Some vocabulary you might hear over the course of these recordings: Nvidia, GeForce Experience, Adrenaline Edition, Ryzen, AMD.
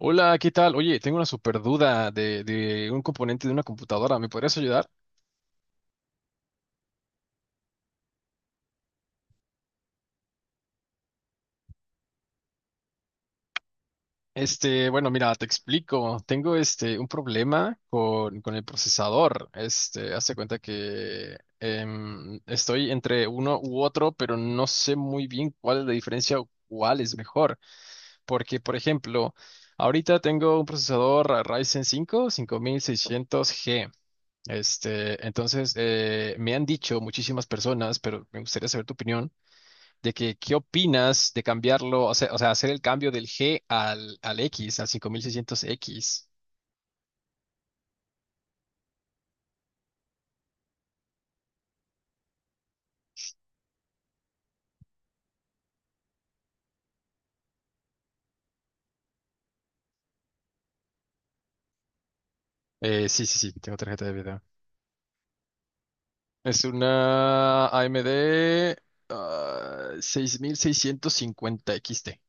Hola, ¿qué tal? Oye, tengo una super duda de un componente de una computadora. ¿Me podrías ayudar? Este, bueno, mira, te explico. Tengo este un problema con el procesador. Este, hazte cuenta que estoy entre uno u otro, pero no sé muy bien cuál es la diferencia o cuál es mejor. Porque, por ejemplo, ahorita tengo un procesador Ryzen cinco, cinco mil seiscientos g. Este, entonces, me han dicho muchísimas personas, pero me gustaría saber tu opinión de que qué opinas de cambiarlo, o sea, hacer el cambio del G al X, al cinco mil seiscientos x. Sí, sí, sí, tengo tarjeta de video. Es una AMD 6650XT.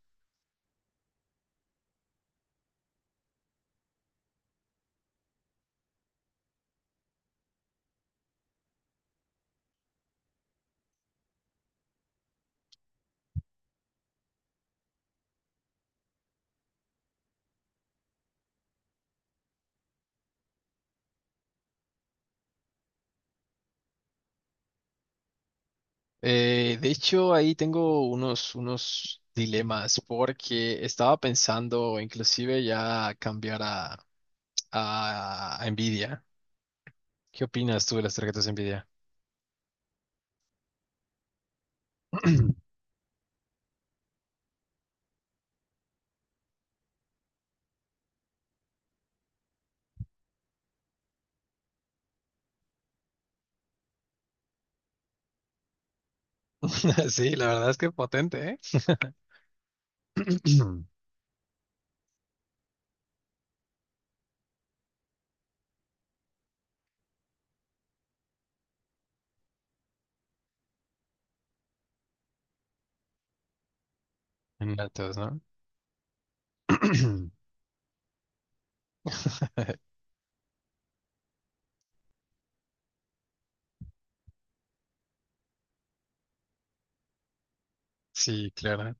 De hecho, ahí tengo unos dilemas porque estaba pensando inclusive ya cambiar a Nvidia. ¿Qué opinas tú de las tarjetas Nvidia? Sí, la verdad es que potente, ¿eh? En Natos, ¿no? Sí, claro.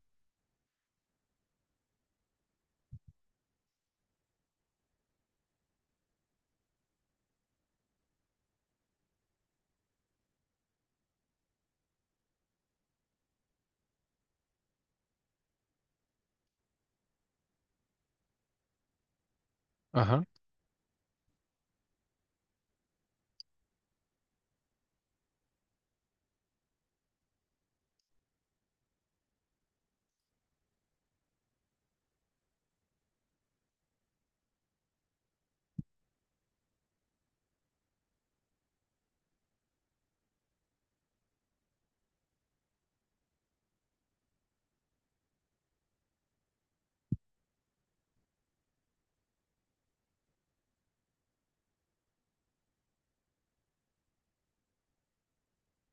Ajá.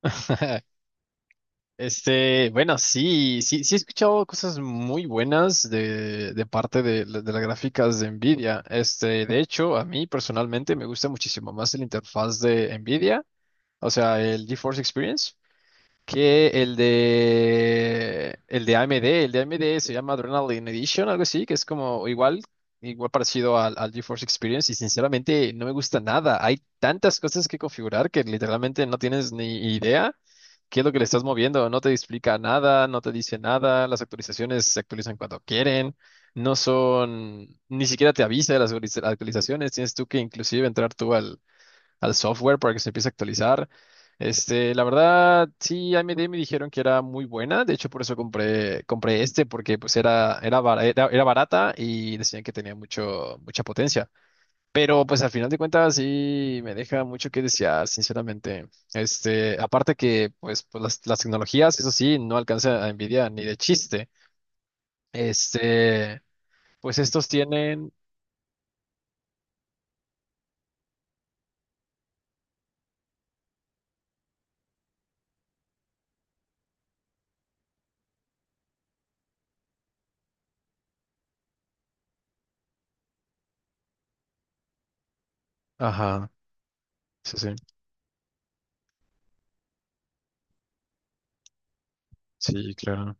Este, bueno, sí, sí, sí he escuchado cosas muy buenas de parte de de las gráficas de Nvidia. Este, de hecho, a mí personalmente me gusta muchísimo más la interfaz de Nvidia, o sea, el GeForce Experience, que el de AMD. El de AMD se llama Adrenaline Edition, algo así, que es como igual, igual parecido al GeForce Experience, y sinceramente no me gusta nada. Hay tantas cosas que configurar que literalmente no tienes ni idea qué es lo que le estás moviendo, no te explica nada, no te dice nada, las actualizaciones se actualizan cuando quieren. No son, ni siquiera te avisa de las actualizaciones, tienes tú que inclusive entrar al software para que se empiece a actualizar. Este, la verdad, sí, AMD me dijeron que era muy buena, de hecho por eso compré, compré este, porque pues era, era barata y decían que tenía mucho, mucha potencia. Pero pues al final de cuentas sí me deja mucho que desear, sinceramente. Este, aparte que pues, las tecnologías, eso sí, no alcanza a Nvidia ni de chiste. Este, pues estos tienen... Ajá, sí, sí, sí, claro.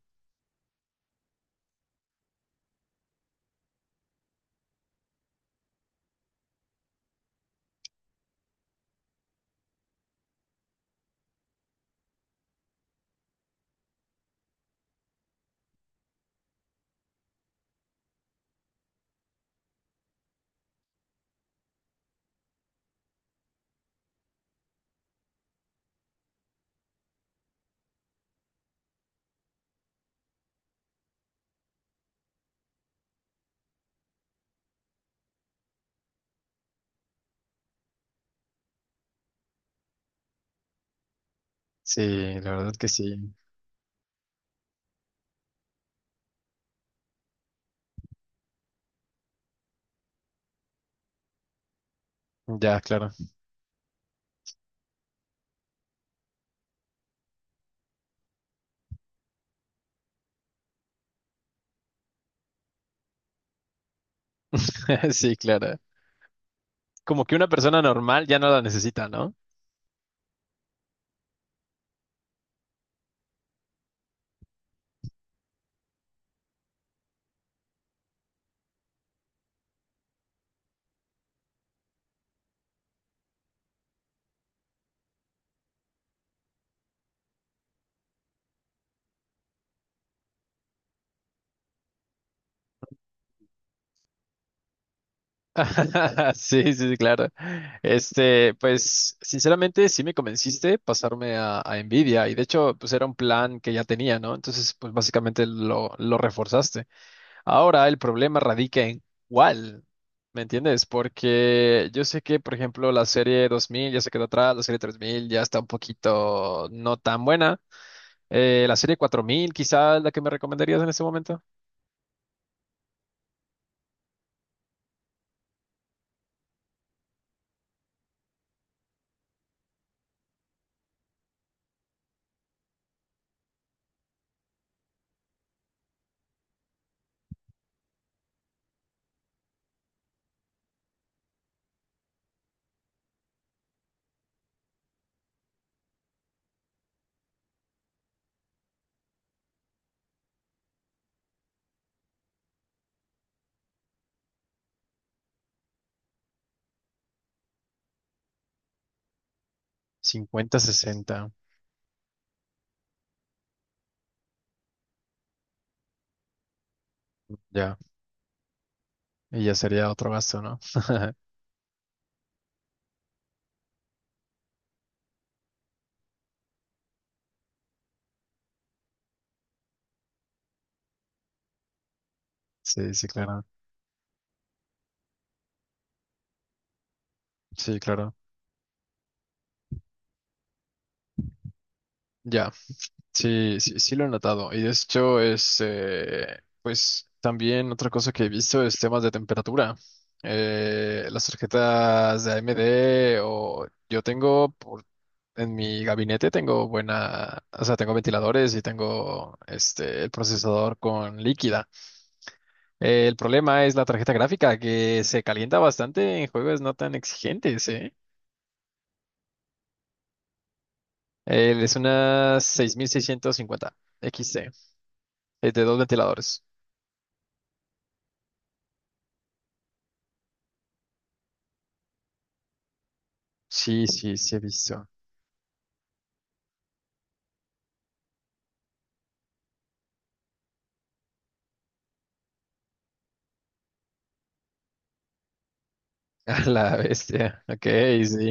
Sí, la verdad que sí. Ya, claro. Sí, claro. Como que una persona normal ya no la necesita, ¿no? Sí, sí, sí, claro. Este, pues, sinceramente, sí me convenciste pasarme a Nvidia, y de hecho, pues era un plan que ya tenía, ¿no? Entonces, pues básicamente lo reforzaste. Ahora el problema radica en cuál, ¿me entiendes? Porque yo sé que, por ejemplo, la serie 2000 ya se quedó atrás, la serie 3000 ya está un poquito no tan buena. La serie 4000 quizás la que me recomendarías en este momento. Cincuenta 60 ya. Y ya sería otro gasto, ¿no? Sí, sí, claro. Sí, claro. Ya. Sí, sí, sí lo he notado. Y de hecho es, pues también otra cosa que he visto es temas de temperatura. Las tarjetas de AMD o yo tengo por- en mi gabinete tengo buena, o sea, tengo ventiladores y tengo este el procesador con líquida. El problema es la tarjeta gráfica, que se calienta bastante en juegos no tan exigentes, ¿eh? Es una 6650 XT, es de dos ventiladores. Sí, sí, sí he visto. A la bestia. Ok, sí.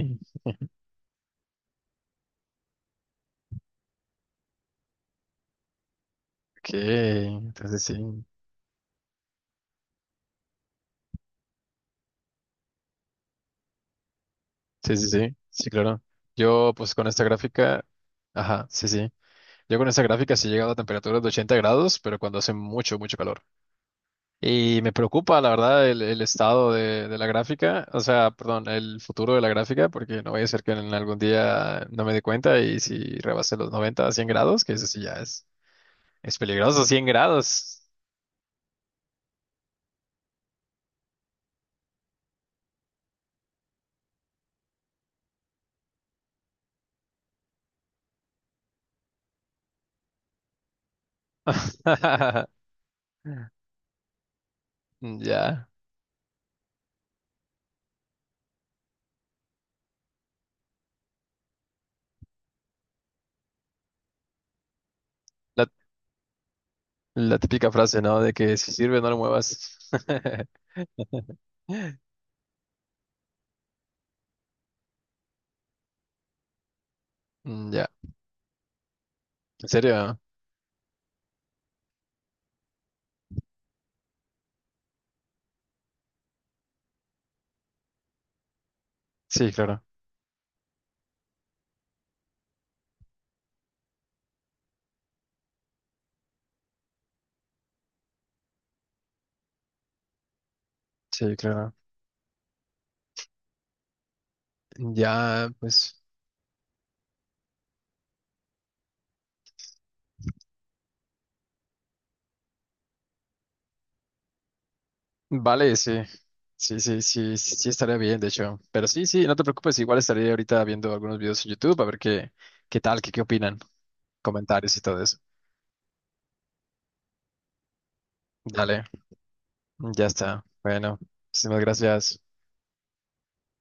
Ok, entonces sí. Sí, sí, sí. Sí, claro. Yo, pues con esta gráfica. Ajá, sí, sí. Yo con esta gráfica sí he llegado a temperaturas de 80 grados, pero cuando hace mucho, mucho calor. Y me preocupa, la verdad, el estado de la gráfica, o sea, perdón, el futuro de la gráfica, porque no vaya a ser que en algún día no me dé cuenta y si rebase los 90 a 100 grados, que eso sí ya es peligroso, 100 grados. Ya, la, la típica frase, ¿no? De que si sirve, no lo muevas. Mm, ya, ¿en serio? Sí, claro, sí, claro. Ya, pues. Vale, sí. Sí, sí, sí, sí estaría bien, de hecho. Pero sí, sí, no te preocupes, igual estaría ahorita viendo algunos videos en YouTube a ver qué, qué tal, qué, qué opinan, comentarios y todo eso. Dale, ya está. Bueno, muchísimas gracias.